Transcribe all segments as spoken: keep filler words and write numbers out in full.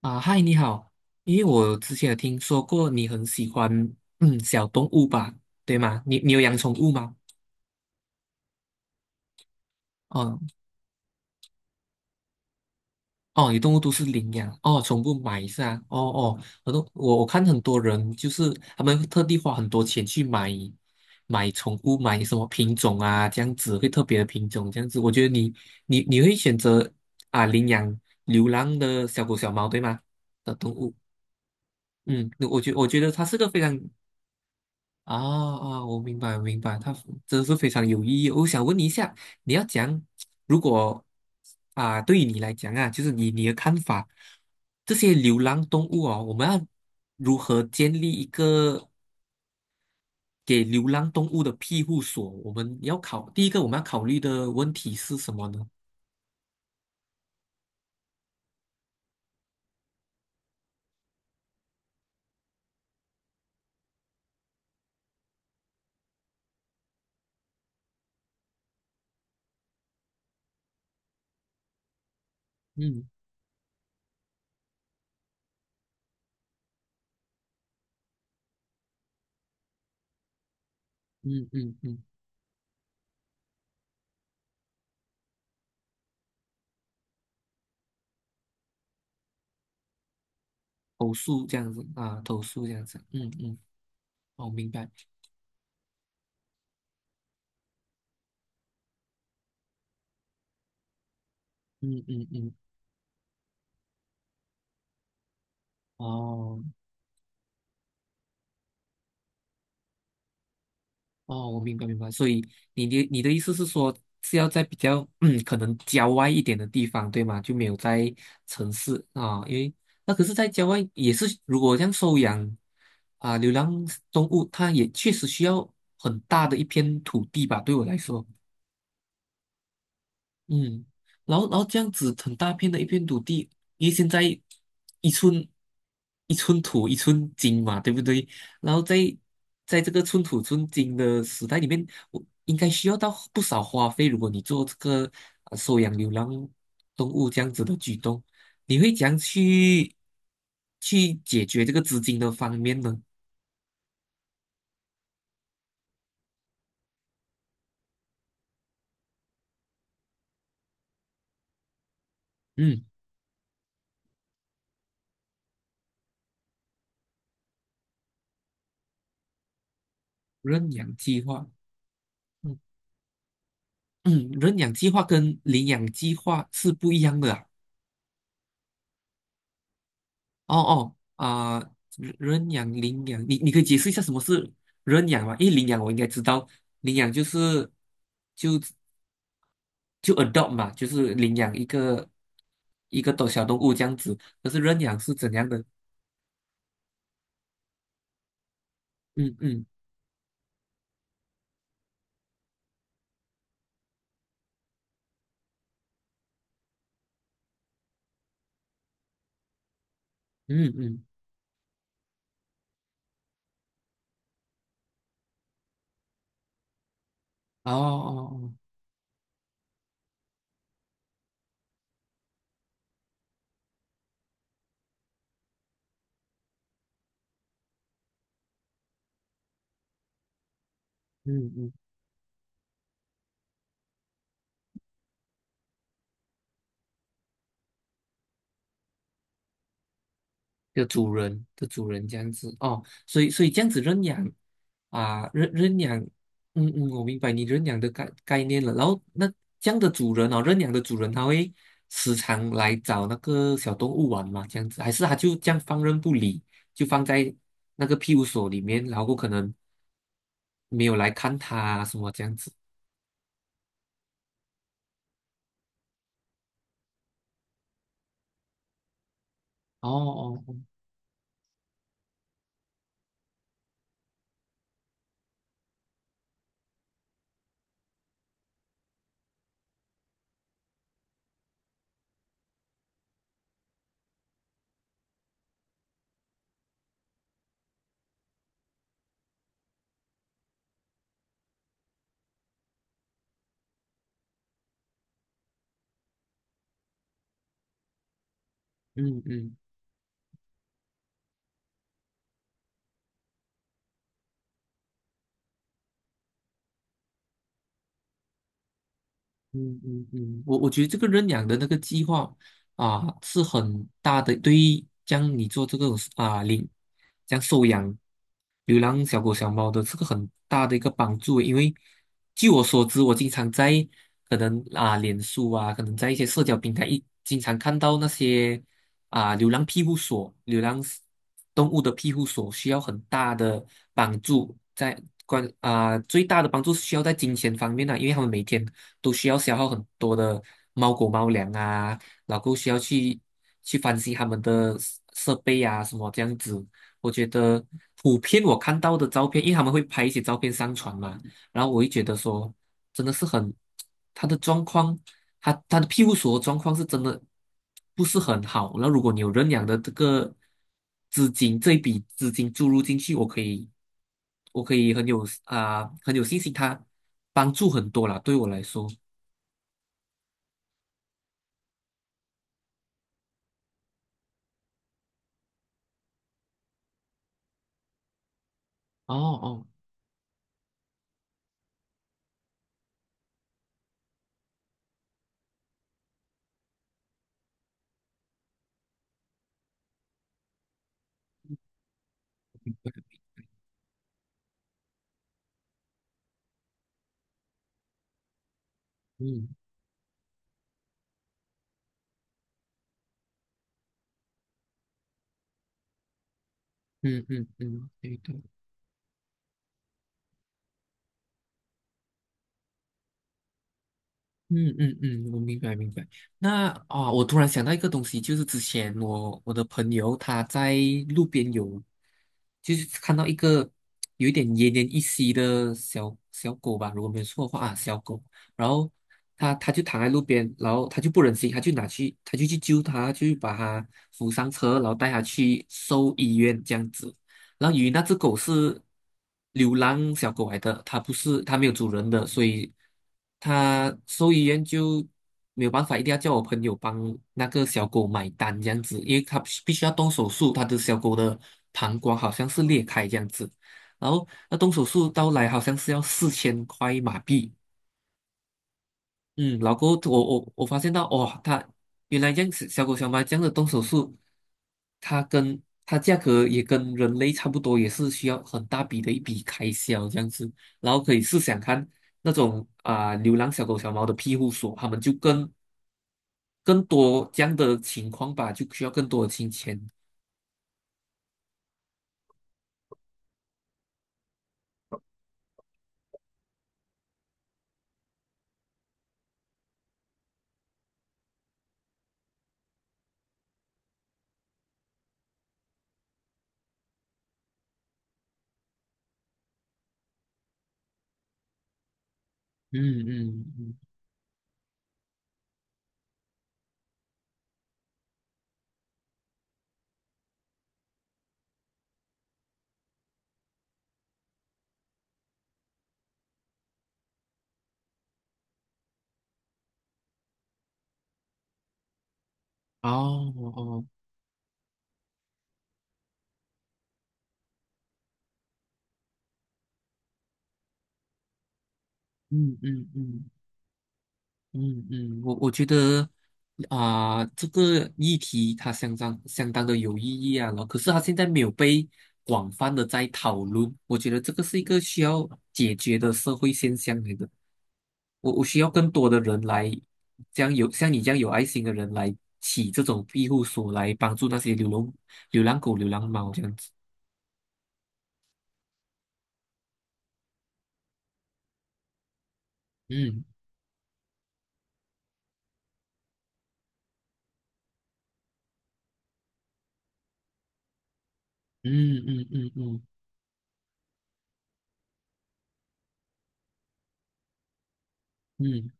啊，嗨，你好，因为我之前有听说过你很喜欢嗯小动物吧，对吗？你你有养宠物吗？哦哦，你动物都是领养哦，宠物买是啊，哦哦，很多我我看很多人就是他们会特地花很多钱去买买宠物，买什么品种啊，这样子会特别的品种这样子，我觉得你你你会选择啊领养流浪的小狗小猫对吗？的动物。嗯，我觉我觉得它是个非常啊啊，我明白，我明白，他真的是非常有意义。我想问你一下，你要讲，如果啊，对于你来讲啊，就是你你的看法，这些流浪动物哦，我们要如何建立一个给流浪动物的庇护所？我们要考，第一个我们要考虑的问题是什么呢？嗯嗯嗯嗯，投诉这样子啊，投诉这样子，嗯嗯，我明白，嗯嗯嗯，哦。哦，我明白明白，所以你的你的意思是说是要在比较嗯可能郊外一点的地方，对吗？就没有在城市啊，因为那可是，在郊外也是，如果这样收养啊流浪动物，它也确实需要很大的一片土地吧，对我来说。嗯，然后然后这样子很大片的一片土地，因为现在一寸一寸土一寸金嘛，对不对？然后在在这个寸土寸金的时代里面，我应该需要到不少花费。如果你做这个呃收养流浪动物这样子的举动，你会怎样去去解决这个资金的方面呢？嗯，认养计划，嗯嗯，认养计划跟领养计划是不一样的啊。哦哦啊，认养领养，你你可以解释一下什么是认养吗？因为领养我应该知道，领养就是就就 adopt 嘛，就是领养一个一个动小动物这样子。可是认养是怎样的？嗯嗯嗯嗯，哦哦哦，嗯嗯的主人的主人这样子哦，所以所以这样子认养啊，认认养，嗯嗯，我明白你认养的概概念了。然后那这样的主人哦，认养的主人他会时常来找那个小动物玩嘛，这样子，还是他就这样放任不理，就放在那个庇护所里面，然后可能没有来看它啊什么这样子。哦哦，嗯嗯。嗯嗯嗯，我我觉得这个认养的那个计划啊，是很大的。对于将你做这个啊领，将收养流浪小狗小猫的这个很大的一个帮助欸。因为据我所知，我经常在可能啊脸书啊，可能在一些社交平台一经常看到那些啊流浪庇护所、流浪 s- 动物的庇护所需要很大的帮助在。关啊、最大的帮助是需要在金钱方面的、因为他们每天都需要消耗很多的猫狗猫粮啊，然后需要去去翻新他们的设设备啊，什么这样子。我觉得普遍我看到的照片，因为他们会拍一些照片上传嘛，然后我会觉得说，真的是很，他的状况，他他的庇护所的状况是真的不是很好。那如果你有认养的这个资金，这一笔资金注入进去，我可以，我可以很有啊、很有信心，他帮助很多啦，对我来说。哦哦，嗯嗯嗯嗯，对对，嗯嗯嗯，我明白明白。那啊、我突然想到一个东西，就是之前我我的朋友他在路边有，就是看到一个有一点奄奄一息的小小狗吧，如果没有错的话啊，小狗，然后他他就躺在路边，然后他就不忍心，他就拿去他就去救他，就把他扶上车，然后带他去兽医院这样子。然后由于那只狗是流浪小狗来的，它不是它没有主人的，所以它兽医院就没有办法，一定要叫我朋友帮那个小狗买单这样子，因为它必须要动手术，它的小狗的膀胱好像是裂开这样子，然后那动手术到来好像是要四千块马币。嗯，老哥，我我我发现到，哇、它原来这样子，小狗小猫这样的动手术，它跟它价格也跟人类差不多，也是需要很大笔的一笔开销这样子。然后可以试想看那种啊、流浪小狗小猫的庇护所，他们就更更多这样的情况吧，就需要更多的金钱。嗯嗯嗯，哦哦，嗯嗯嗯。嗯嗯，我我觉得啊、这个议题它相当相当的有意义啊，然后可是它现在没有被广泛的在讨论，我觉得这个是一个需要解决的社会现象来的。我我需要更多的人来，这样有像你这样有爱心的人来起这种庇护所，来帮助那些流浪流浪狗、流浪猫这样子。嗯嗯嗯嗯嗯嗯，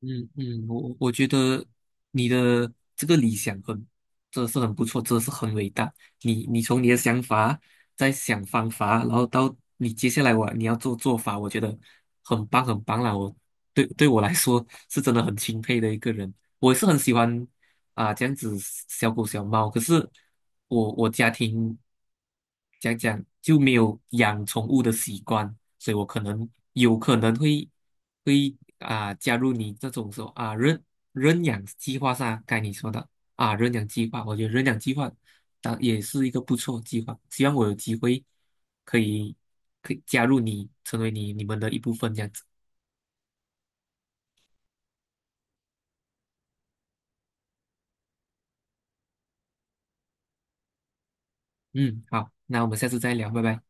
嗯嗯，我我觉得你的这个理想很，真的是很不错，真的是很伟大。你你从你的想法再想方法，然后到你接下来我你要做做法，我觉得很棒很棒啦。我对对我来说是真的很钦佩的一个人。我也是很喜欢啊、这样子小狗小猫，可是我我家庭讲讲就没有养宠物的习惯，所以我可能有可能会。会啊加入你这种说啊认认养计划上，该你说的啊认养计划，我觉得认养计划当也是一个不错的计划，希望我有机会可以可以加入你，成为你你们的一部分这样子。嗯，好，那我们下次再聊，拜拜。